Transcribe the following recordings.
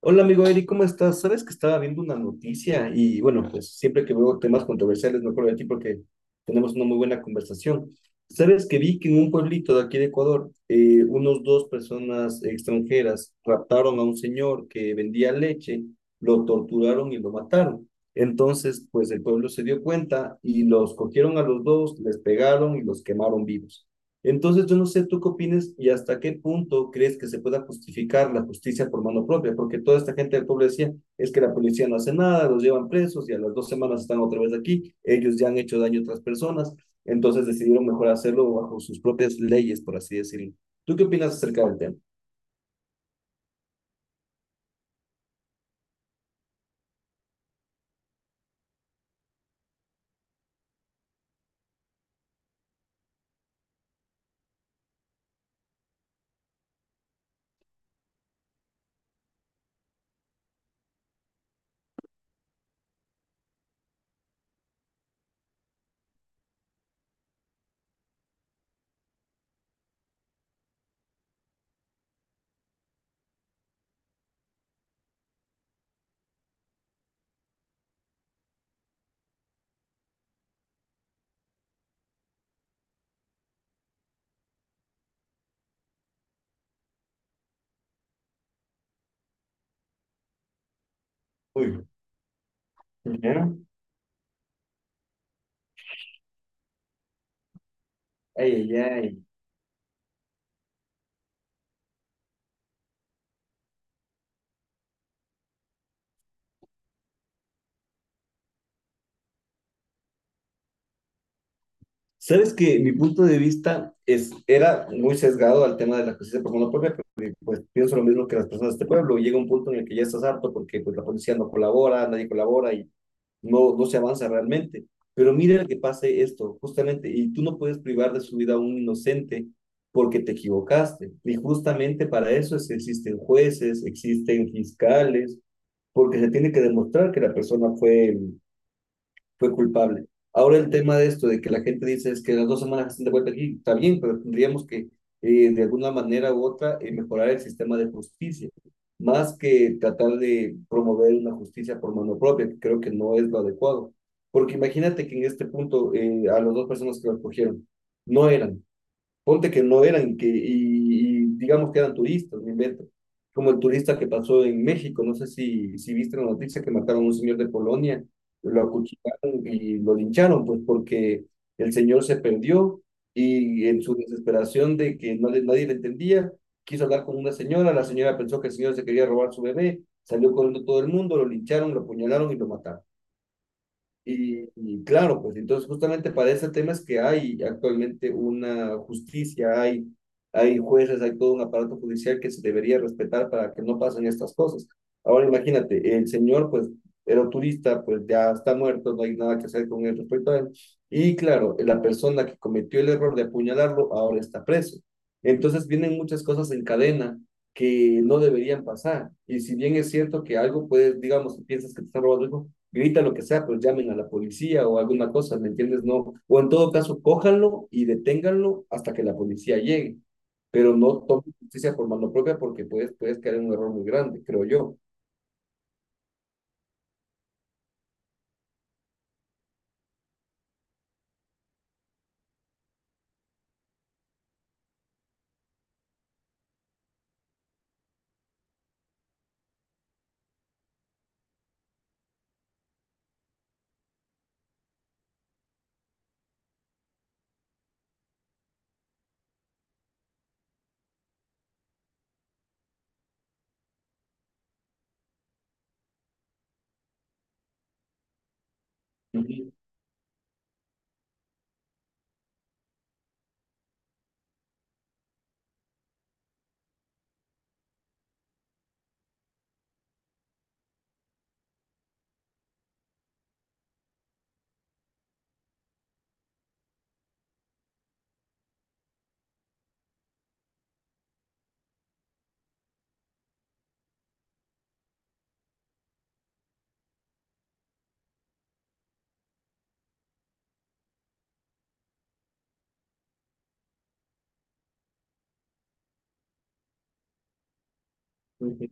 Hola amigo Eric, ¿cómo estás? Sabes que estaba viendo una noticia y bueno, pues siempre que veo temas controversiales me acuerdo de ti porque tenemos una muy buena conversación. Sabes que vi que en un pueblito de aquí de Ecuador, unos dos personas extranjeras raptaron a un señor que vendía leche, lo torturaron y lo mataron. Entonces, pues el pueblo se dio cuenta y los cogieron a los dos, les pegaron y los quemaron vivos. Entonces, yo no sé tú qué opinas y hasta qué punto crees que se pueda justificar la justicia por mano propia, porque toda esta gente del pueblo decía, es que la policía no hace nada, los llevan presos y a las dos semanas están otra vez aquí, ellos ya han hecho daño a otras personas, entonces decidieron mejor hacerlo bajo sus propias leyes, por así decirlo. ¿Tú qué opinas acerca del tema? Uy, ya. Ay, ay, ay. Sabes que mi punto de vista es, era muy sesgado al tema de la justicia por monopolio, porque pues pienso lo mismo que las personas de este pueblo. Llega un punto en el que ya estás harto porque pues la policía no colabora, nadie colabora y no, no se avanza realmente. Pero mira que pase esto, justamente, y tú no puedes privar de su vida a un inocente porque te equivocaste. Y justamente para eso es que existen jueces, existen fiscales, porque se tiene que demostrar que la persona fue culpable. Ahora el tema de esto, de que la gente dice es que las dos semanas están de vuelta aquí, está bien, pero tendríamos que de alguna manera u otra mejorar el sistema de justicia, más que tratar de promover una justicia por mano propia, que creo que no es lo adecuado. Porque imagínate que en este punto a las dos personas que lo cogieron no eran, ponte que no eran, que, y digamos que eran turistas, me invento. Como el turista que pasó en México, no sé si viste la noticia que mataron a un señor de Polonia, lo acuchillaron y lo lincharon, pues porque el señor se perdió y en su desesperación de que nadie le entendía, quiso hablar con una señora, la señora pensó que el señor se quería robar su bebé, salió corriendo todo el mundo, lo lincharon, lo apuñalaron y lo mataron. Y claro, pues entonces justamente para ese tema es que hay actualmente una justicia, hay jueces, hay todo un aparato judicial que se debería respetar para que no pasen estas cosas. Ahora imagínate, el señor pues era turista, pues ya está muerto, no hay nada que hacer con él respecto a él. Y claro, la persona que cometió el error de apuñalarlo ahora está preso. Entonces vienen muchas cosas en cadena que no deberían pasar. Y si bien es cierto que algo puedes, digamos, si piensas que te están robando algo, grita lo que sea, pues llamen a la policía o alguna cosa, ¿me entiendes? No, o en todo caso, cójanlo y deténganlo hasta que la policía llegue, pero no tomen justicia por mano propia porque puedes caer en un error muy grande, creo yo. Ujú, ujú.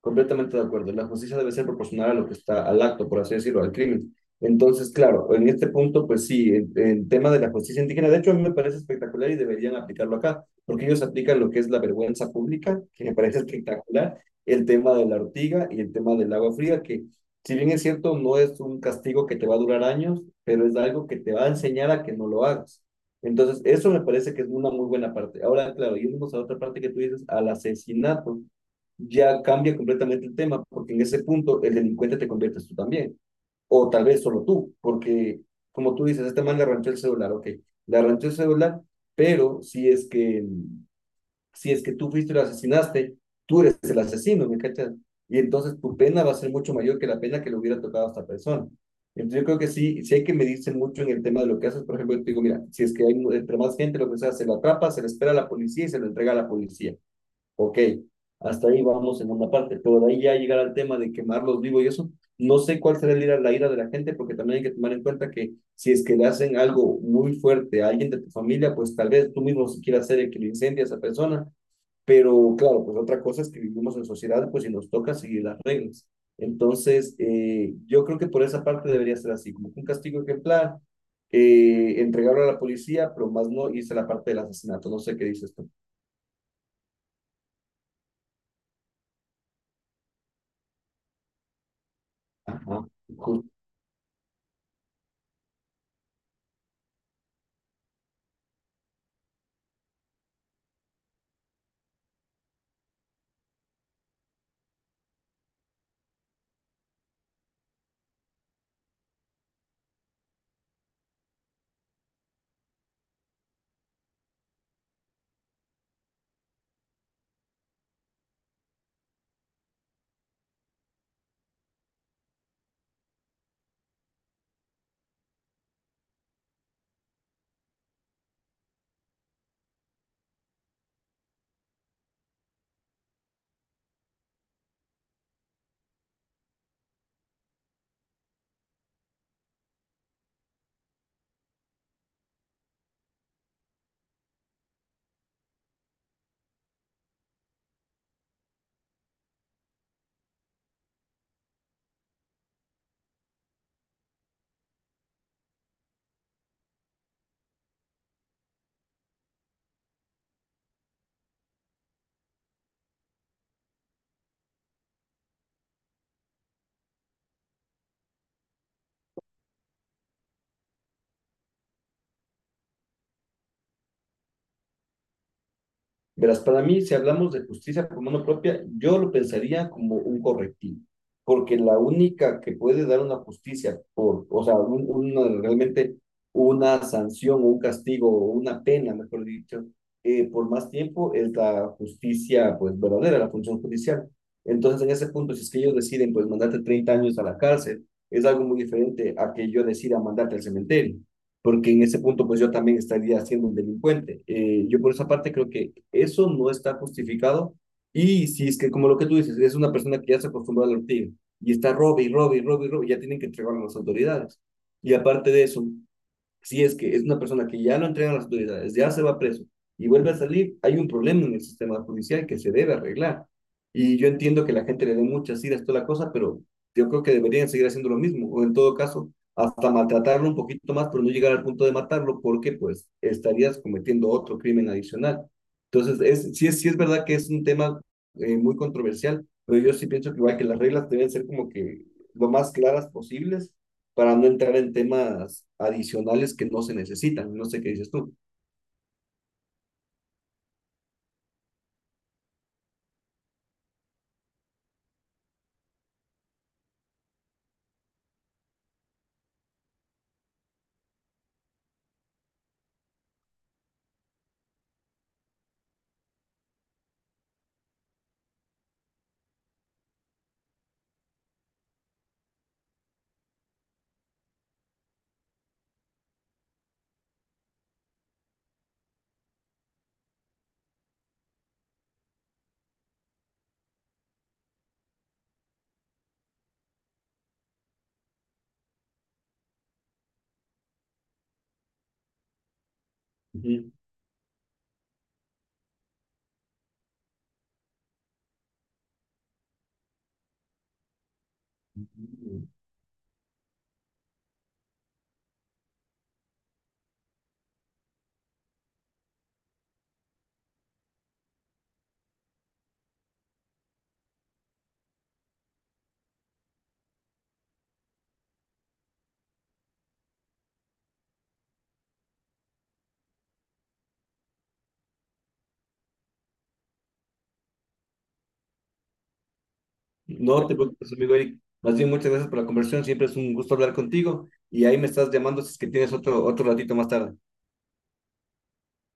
Completamente de acuerdo. La justicia debe ser proporcional a lo que está al acto, por así decirlo, al crimen. Entonces, claro, en este punto, pues sí, el tema de la justicia indígena, de hecho, a mí me parece espectacular y deberían aplicarlo acá, porque ellos aplican lo que es la vergüenza pública, que me parece espectacular, el tema de la ortiga y el tema del agua fría, que si bien es cierto, no es un castigo que te va a durar años, pero es algo que te va a enseñar a que no lo hagas. Entonces, eso me parece que es una muy buena parte. Ahora, claro, irnos a otra parte que tú dices, al asesinato ya cambia completamente el tema, porque en ese punto el delincuente te conviertes tú también, o tal vez solo tú, porque como tú dices, este man le arranchó el celular, ok, le arranchó el celular, pero si es que tú fuiste y lo asesinaste, tú eres el asesino, ¿me cachas? Y entonces tu pena va a ser mucho mayor que la pena que le hubiera tocado a esta persona. Entonces yo creo que sí, sí hay que medirse mucho en el tema de lo que haces. Por ejemplo, yo te digo, mira, si es que hay entre más gente, lo que sea, se lo atrapa, se le espera a la policía y se lo entrega a la policía. Ok, hasta ahí vamos en una parte, pero de ahí ya llegar al tema de quemarlos vivos y eso, no sé cuál será el la ira de la gente, porque también hay que tomar en cuenta que si es que le hacen algo muy fuerte a alguien de tu familia, pues tal vez tú mismo si quieras ser el que le incendia a esa persona, pero claro, pues otra cosa es que vivimos en sociedad, pues y nos toca seguir las reglas. Entonces, yo creo que por esa parte debería ser así, como que un castigo ejemplar, entregarlo a la policía, pero más no irse a la parte del asesinato, no sé qué dices tú. Ajá, justo. Verás, para mí, si hablamos de justicia por mano propia, yo lo pensaría como un correctivo, porque la única que puede dar una justicia por, o sea, realmente una sanción o un castigo o una pena, mejor dicho, por más tiempo es la justicia, pues, verdadera, la función judicial. Entonces, en ese punto, si es que ellos deciden, pues, mandarte 30 años a la cárcel, es algo muy diferente a que yo decida mandarte al cementerio porque en ese punto pues yo también estaría siendo un delincuente. Yo por esa parte creo que eso no está justificado y si es que como lo que tú dices, es una persona que ya se acostumbró a la ortiga y está robe y robe y robe y robe, ya tienen que entregarlo a las autoridades. Y aparte de eso, si es que es una persona que ya lo entregan las autoridades, ya se va preso y vuelve a salir, hay un problema en el sistema judicial que se debe arreglar. Y yo entiendo que la gente le dé muchas iras toda la cosa, pero yo creo que deberían seguir haciendo lo mismo, o en todo caso, hasta maltratarlo un poquito más, pero no llegar al punto de matarlo, porque pues estarías cometiendo otro crimen adicional. Entonces, sí es verdad que es un tema muy controversial, pero yo sí pienso que igual que las reglas deben ser como que lo más claras posibles para no entrar en temas adicionales que no se necesitan. No sé qué dices tú. Ujú. No te preocupes, amigo Eric. Más bien, muchas gracias por la conversación. Siempre es un gusto hablar contigo. Y ahí me estás llamando si es que tienes otro ratito más tarde.